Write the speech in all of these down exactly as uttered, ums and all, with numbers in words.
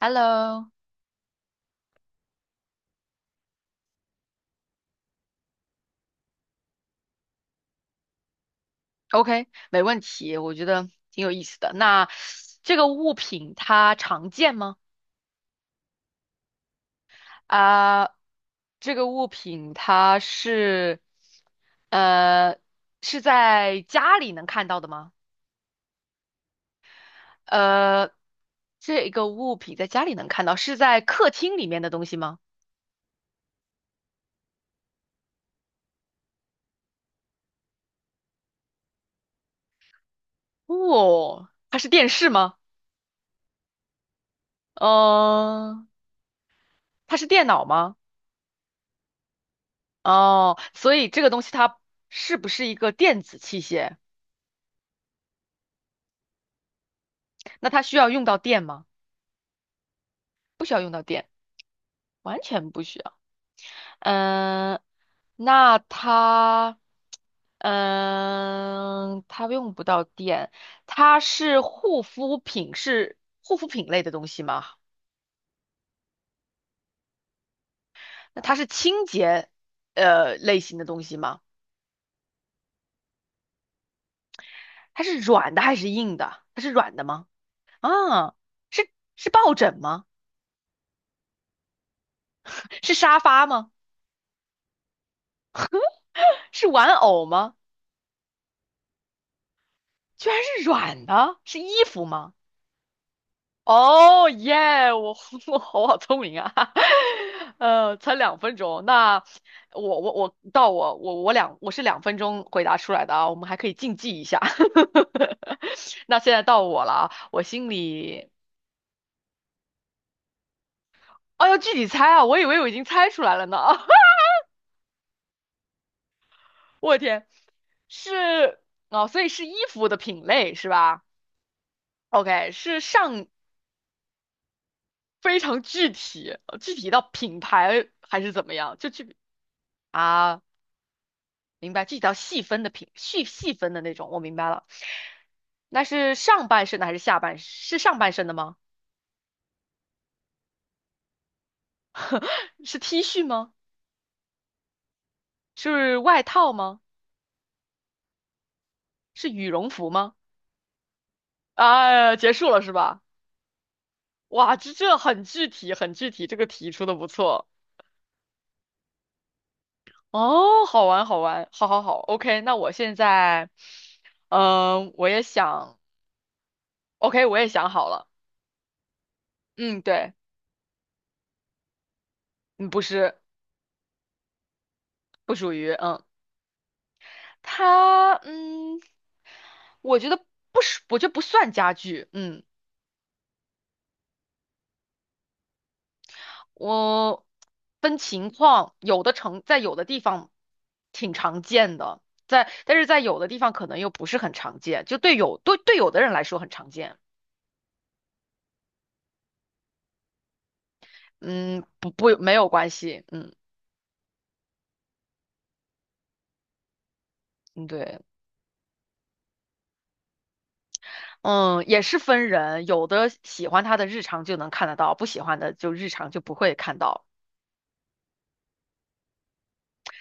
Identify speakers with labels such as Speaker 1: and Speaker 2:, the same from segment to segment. Speaker 1: Hello,OK,没问题，我觉得挺有意思的。那这个物品它常见吗？啊，这个物品它是，呃，是在家里能看到的吗？呃，这个物品在家里能看到，是在客厅里面的东西吗？哦，它是电视吗？嗯、它是电脑吗？哦，所以这个东西它是不是一个电子器械？那它需要用到电吗？不需要用到电，完全不需要。嗯，那它，嗯，它用不到电，它是护肤品，是护肤品类的东西吗？那它是清洁，呃，类型的东西吗？它是软的还是硬的？它是软的吗？啊，是是抱枕吗？是沙发吗？是玩偶吗？居然是软的，是衣服吗？哦耶！我 我好聪明啊，呃，才两分钟。那我我我到我我我两我是两分钟回答出来的啊，我们还可以竞技一下。那现在到我了啊，我心里，哦，要具体猜啊，我以为我已经猜出来了呢。我天，是哦，所以是衣服的品类是吧？OK,是上非常具体，具体到品牌还是怎么样？就具啊。明白，这叫细分的品，细细分的那种，我明白了。那是上半身的还是下半？是上半身的吗？是 T 恤吗？是外套吗？是羽绒服吗？啊，结束了是吧？哇，这这很具体，很具体，这个题出的不错。哦，好玩，好玩，好好好，OK。那我现在，嗯、我也想，OK,我也想好了。嗯，对，嗯，不是，不属于，嗯。它，嗯，我觉得不是，我觉得不算家具。嗯，我分情况，有的城在有的地方挺常见的，在但是在有的地方可能又不是很常见，就对有对对有的人来说很常见。嗯，不不没有关系。嗯嗯，对，嗯，也是分人，有的喜欢他的日常就能看得到，不喜欢的就日常就不会看到，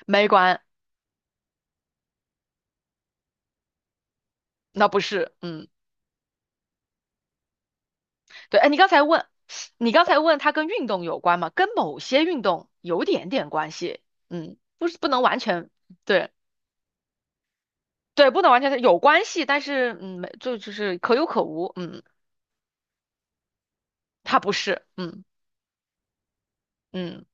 Speaker 1: 没关，那不是，嗯。对，哎，你刚才问，你刚才问它跟运动有关吗？跟某些运动有点点关系，嗯，不是不能完全，对对，不能完全是有关系，但是嗯，没就就是可有可无，嗯，它不是，嗯嗯，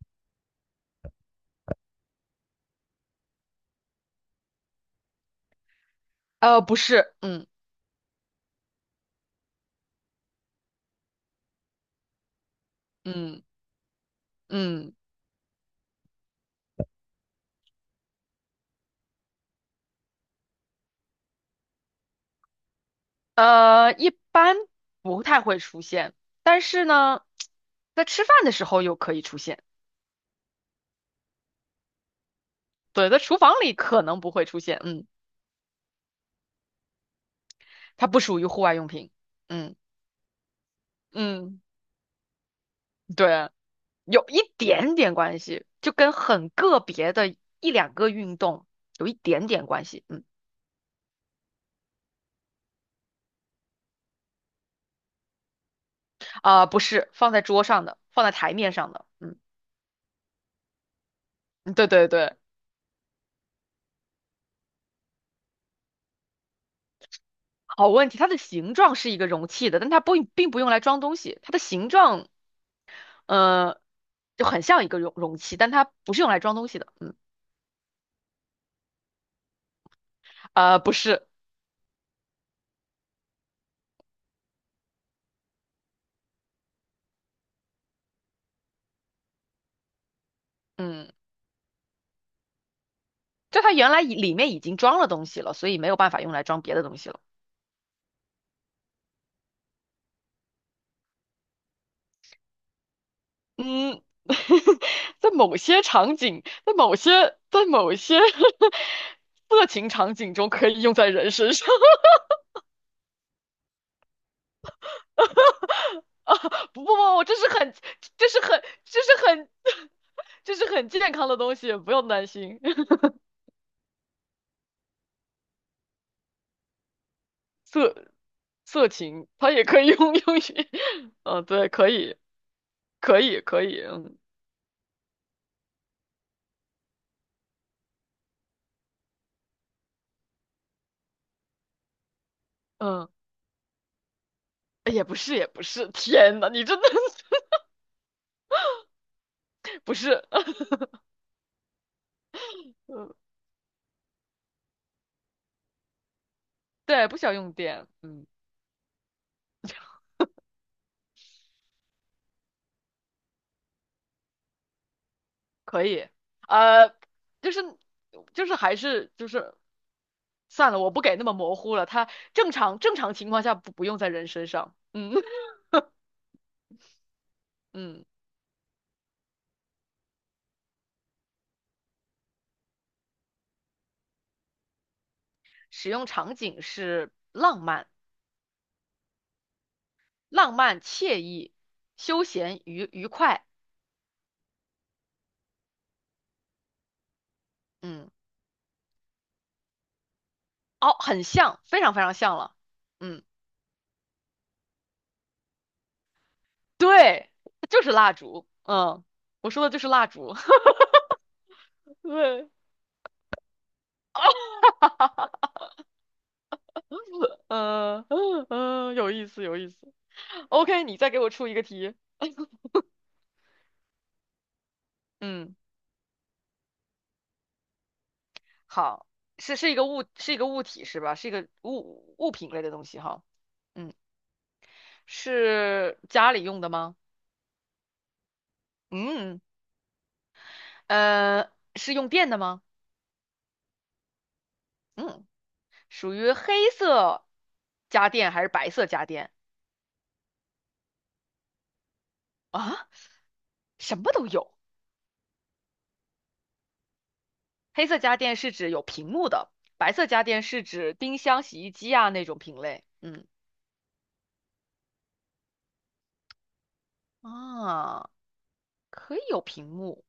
Speaker 1: 呃，不是，嗯嗯嗯，呃，一般不太会出现，但是呢，在吃饭的时候又可以出现，对，在厨房里可能不会出现，嗯，它不属于户外用品，嗯嗯，对。有一点点关系，就跟很个别的一两个运动有一点点关系。嗯，啊、不是，放在桌上的，放在台面上的。嗯，对对对，好问题。它的形状是一个容器的，但它不并不用来装东西。它的形状，呃，就很像一个容容器，但它不是用来装东西的。嗯，啊，不是，嗯，就它原来里里面已经装了东西了，所以没有办法用来装别的东西了。嗯，在某些场景，在某些在某些 色情场景中可以用在人身上。不不不，这是很，这是很，这是很，这是很健康的东西，不用担心。色色情，它也可以用用于，嗯，对，可以，可以，可以，嗯嗯，哎也不是，也不是，天呐，你真的 不是，嗯对，不需要用电，嗯。可以，呃，就是就是还是就是算了，我不给那么模糊了。它正常正常情况下不不用在人身上，嗯 嗯，使用场景是浪漫、浪漫、惬意、休闲、愉愉快，嗯，哦，很像，非常非常像了，嗯，对，就是蜡烛，嗯，我说的就是蜡烛，对，嗯嗯 嗯，有意思有意思。OK,你再给我出一个题，嗯。好，是是一个物，是一个物体是吧？是一个物物品类的东西哈。嗯，是家里用的吗？嗯，呃，是用电的吗？嗯，属于黑色家电还是白色家电啊？什么都有。黑色家电是指有屏幕的，白色家电是指冰箱、洗衣机啊那种品类。嗯，啊，可以有屏幕，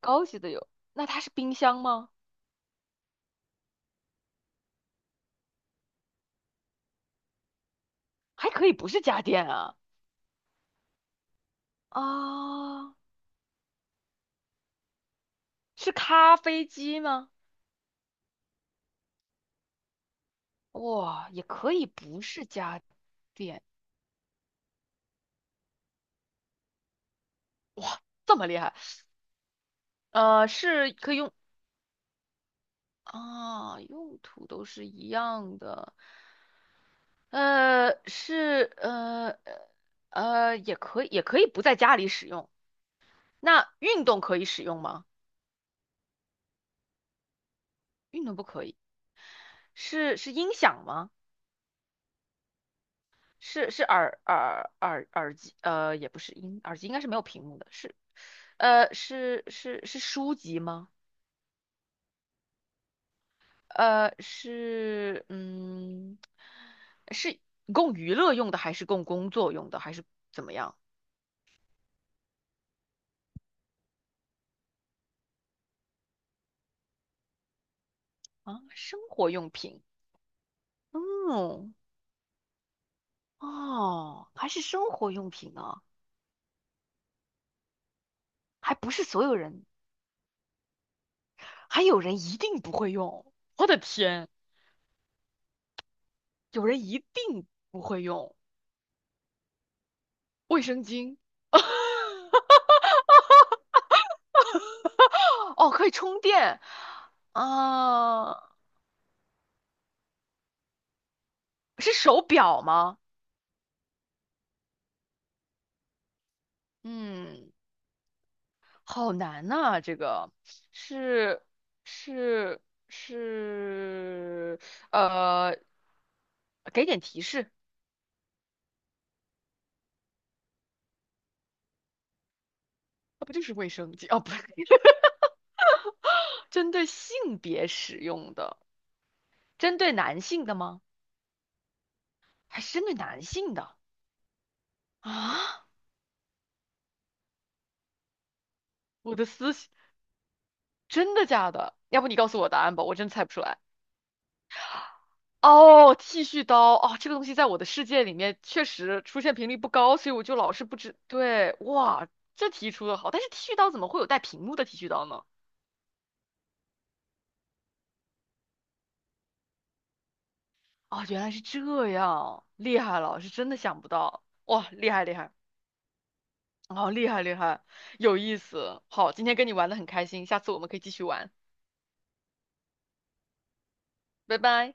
Speaker 1: 高级的有。那它是冰箱吗？还可以不是家电啊？啊。是咖啡机吗？哇，也可以不是家电，这么厉害。呃，是可以用啊，用途都是一样的。呃，是呃呃呃，也可以也可以不在家里使用。那运动可以使用吗？运动不可以。是是音响吗？是是耳耳耳耳机？呃，也不是音，耳机应该是没有屏幕的。是呃是是是书籍吗？呃，是，嗯，是供娱乐用的，还是供工作用的，还是怎么样啊？生活用品，嗯，哦，还是生活用品呢，还不是所有人，还有人一定不会用。我的天，有人一定不会用卫生巾，哦，可以充电，啊，是手表吗？嗯。好难呐、这个是是是，呃，给点提示，那不就是卫生巾？哦，不是，针对性别使用的，针对男性的吗？还是针对男性的啊？我的思想，真的假的？要不你告诉我答案吧，我真猜不出来。哦，剃须刀哦，这个东西在我的世界里面确实出现频率不高，所以我就老是不知。对，哇，这题出的好，但是剃须刀怎么会有带屏幕的剃须刀呢？哦，原来是这样，厉害了，是真的想不到，哇，厉害厉害，哦，厉害厉害，有意思。好，今天跟你玩的很开心，下次我们可以继续玩，拜拜。